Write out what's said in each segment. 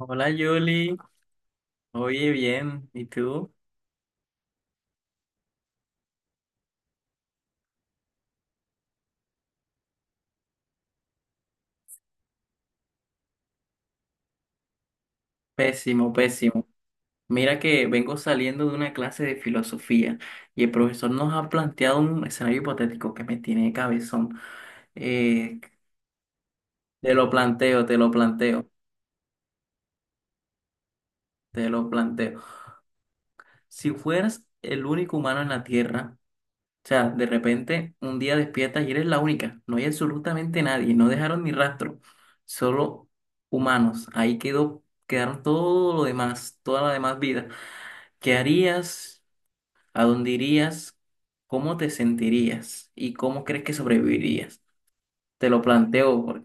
Hola Julie, oye bien, ¿y tú? Pésimo, pésimo. Mira que vengo saliendo de una clase de filosofía y el profesor nos ha planteado un escenario hipotético que me tiene de cabezón. Eh, te lo planteo, te lo planteo, te lo planteo. Si fueras el único humano en la Tierra, o sea, de repente un día despiertas y eres la única, no hay absolutamente nadie, no dejaron ni rastro, solo humanos, ahí quedó, quedaron todo lo demás, toda la demás vida. ¿Qué harías? ¿A dónde irías? ¿Cómo te sentirías? ¿Y cómo crees que sobrevivirías? Te lo planteo.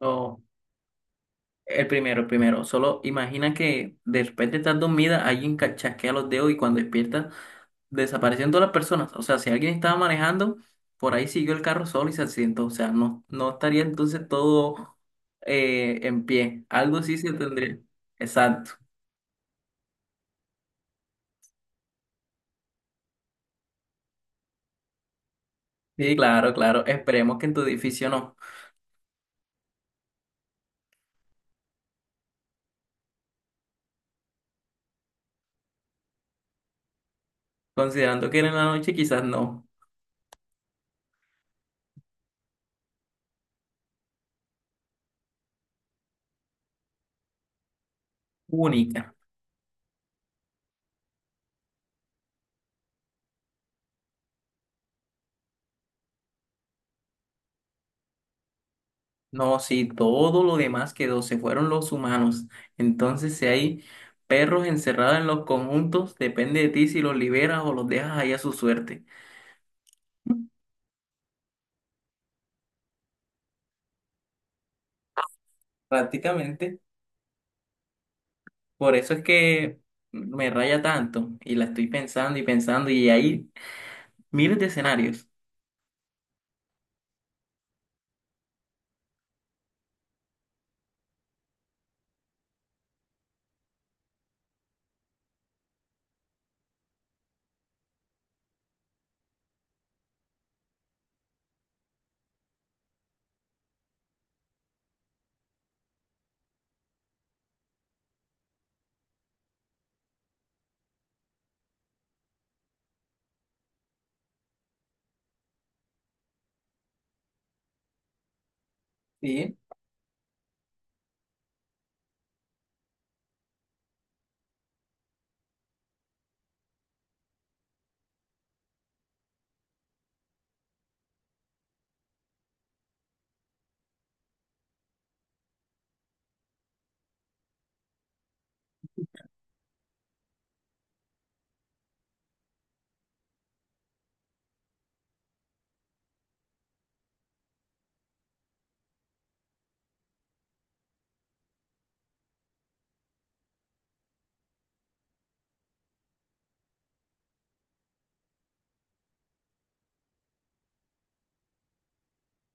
Oh, el primero. Solo imagina que de repente estás dormida, alguien chasquea los dedos y cuando despiertas desaparecen todas las personas. O sea, si alguien estaba manejando, por ahí siguió el carro solo y se accidentó. O sea, no estaría entonces todo en pie. Algo sí se tendría. Exacto. Sí, claro, claro. Esperemos que en tu edificio no. Considerando que era en la noche, quizás no. Única. No, si todo lo demás quedó, se fueron los humanos. Entonces, si hay perros encerrados en los conjuntos, depende de ti si los liberas o los dejas ahí a su suerte. Prácticamente, por eso es que me raya tanto y la estoy pensando y pensando y hay miles de escenarios. Sí,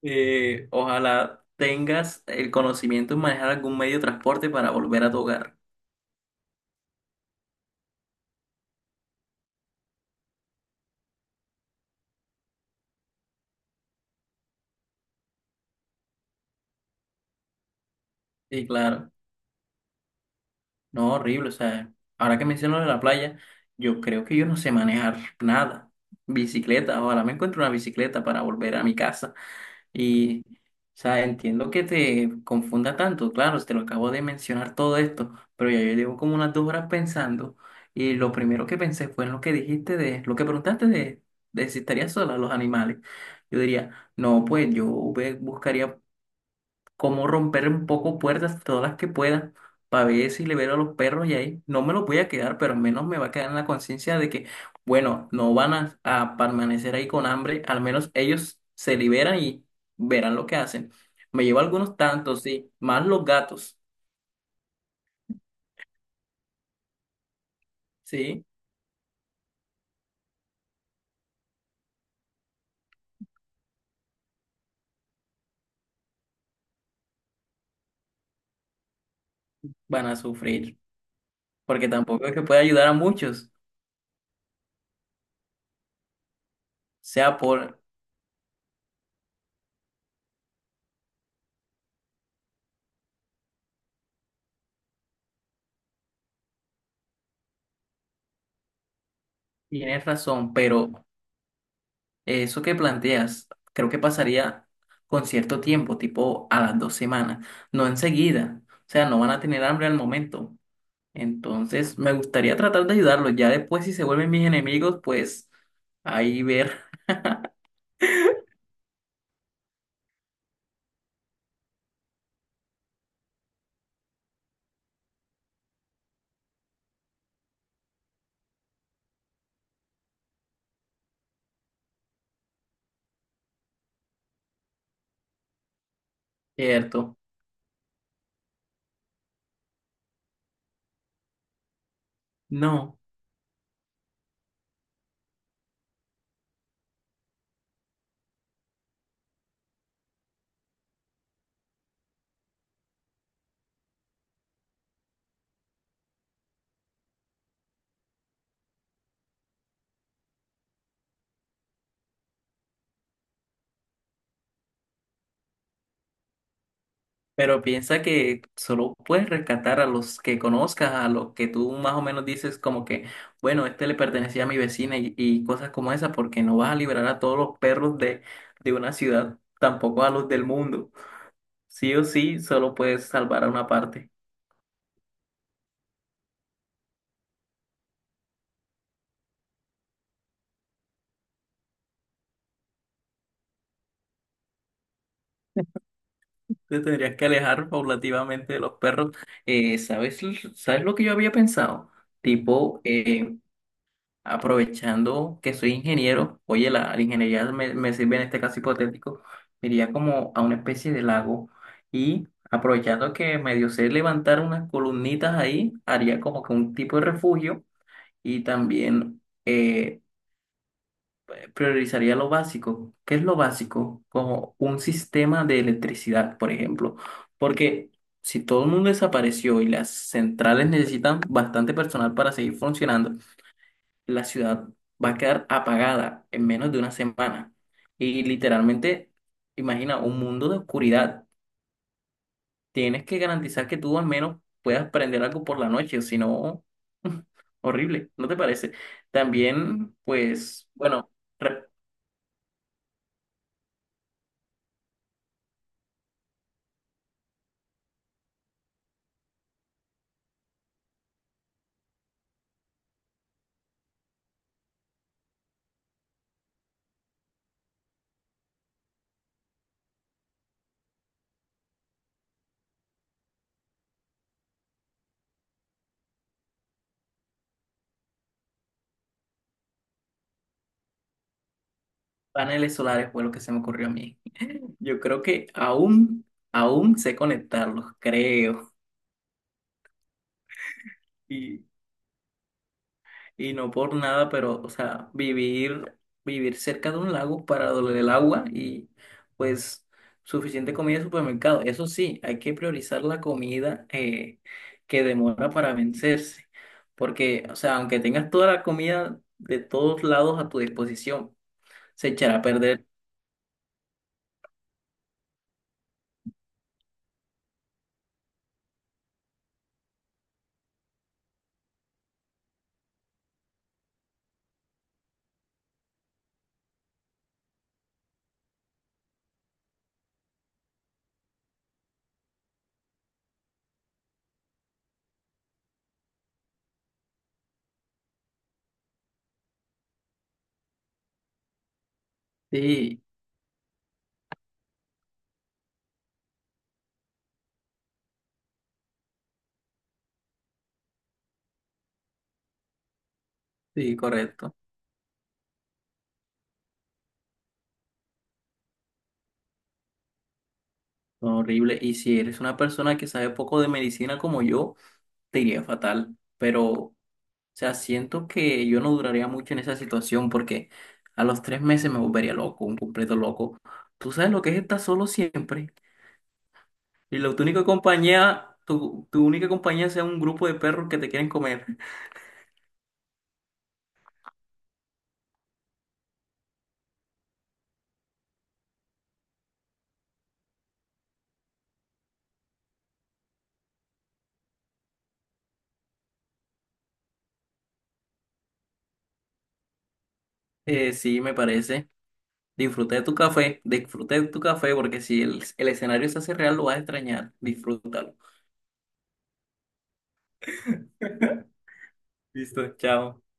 ojalá tengas el conocimiento en manejar algún medio de transporte para volver a tu hogar. Sí, claro. No, horrible. O sea, ahora que menciono de la playa, yo creo que yo no sé manejar nada. Bicicleta, ojalá me encuentre una bicicleta para volver a mi casa. Y, o sea, entiendo que te confunda tanto, claro, te lo acabo de mencionar todo esto, pero ya yo llevo como unas 2 horas pensando y lo primero que pensé fue en lo que dijiste de, lo que preguntaste de si estaría sola los animales. Yo diría, no, pues yo buscaría cómo romper un poco puertas, todas las que pueda, para ver si libero a los perros y ahí no me los voy a quedar, pero al menos me va a quedar en la conciencia de que, bueno, no van a permanecer ahí con hambre, al menos ellos se liberan y verán lo que hacen. Me llevo algunos tantos, sí, más los gatos, sí, van a sufrir, porque tampoco es que pueda ayudar a muchos, sea por, tienes razón, pero... Eso que planteas, creo que pasaría con cierto tiempo, tipo a las 2 semanas, no enseguida. O sea, no van a tener hambre al momento. Entonces, me gustaría tratar de ayudarlos. Ya después, si se vuelven mis enemigos, pues ahí ver, ¿cierto? No, pero piensa que solo puedes rescatar a los que conozcas, a los que tú más o menos dices como que, bueno, este le pertenecía a mi vecina y cosas como esa, porque no vas a liberar a todos los perros de una ciudad, tampoco a los del mundo. Sí o sí, solo puedes salvar a una parte. Te tendrías que alejar paulativamente de los perros. ¿Sabes, sabes lo que yo había pensado? Tipo, aprovechando que soy ingeniero, oye, la ingeniería me sirve en este caso hipotético, me iría como a una especie de lago y aprovechando que medio sé levantar unas columnitas ahí, haría como que un tipo de refugio y también... priorizaría lo básico. ¿Qué es lo básico? Como un sistema de electricidad, por ejemplo. Porque si todo el mundo desapareció y las centrales necesitan bastante personal para seguir funcionando, la ciudad va a quedar apagada en menos de 1 semana. Y literalmente, imagina un mundo de oscuridad. Tienes que garantizar que tú al menos puedas prender algo por la noche, o si no, horrible, ¿no te parece? También, pues, bueno. Paneles solares fue lo que se me ocurrió a mí. Yo creo que aún sé conectarlos, creo. Y, y no por nada, pero, o sea, vivir cerca de un lago para doler el agua y pues suficiente comida en supermercado. Eso sí, hay que priorizar la comida que demora para vencerse. Porque, o sea, aunque tengas toda la comida de todos lados a tu disposición, se echará a perder. Sí, sí, correcto. Horrible. Y si eres una persona que sabe poco de medicina como yo, te iría fatal. Pero, o sea, siento que yo no duraría mucho en esa situación porque a los 3 meses me volvería loco, un completo loco. Tú sabes lo que es estar solo siempre. Y la tu única compañía, tu única compañía sea un grupo de perros que te quieren comer. Sí, me parece. Disfruta de tu café, disfruta de tu café porque si el escenario se hace real, lo vas a extrañar. Disfrútalo. Listo, chao.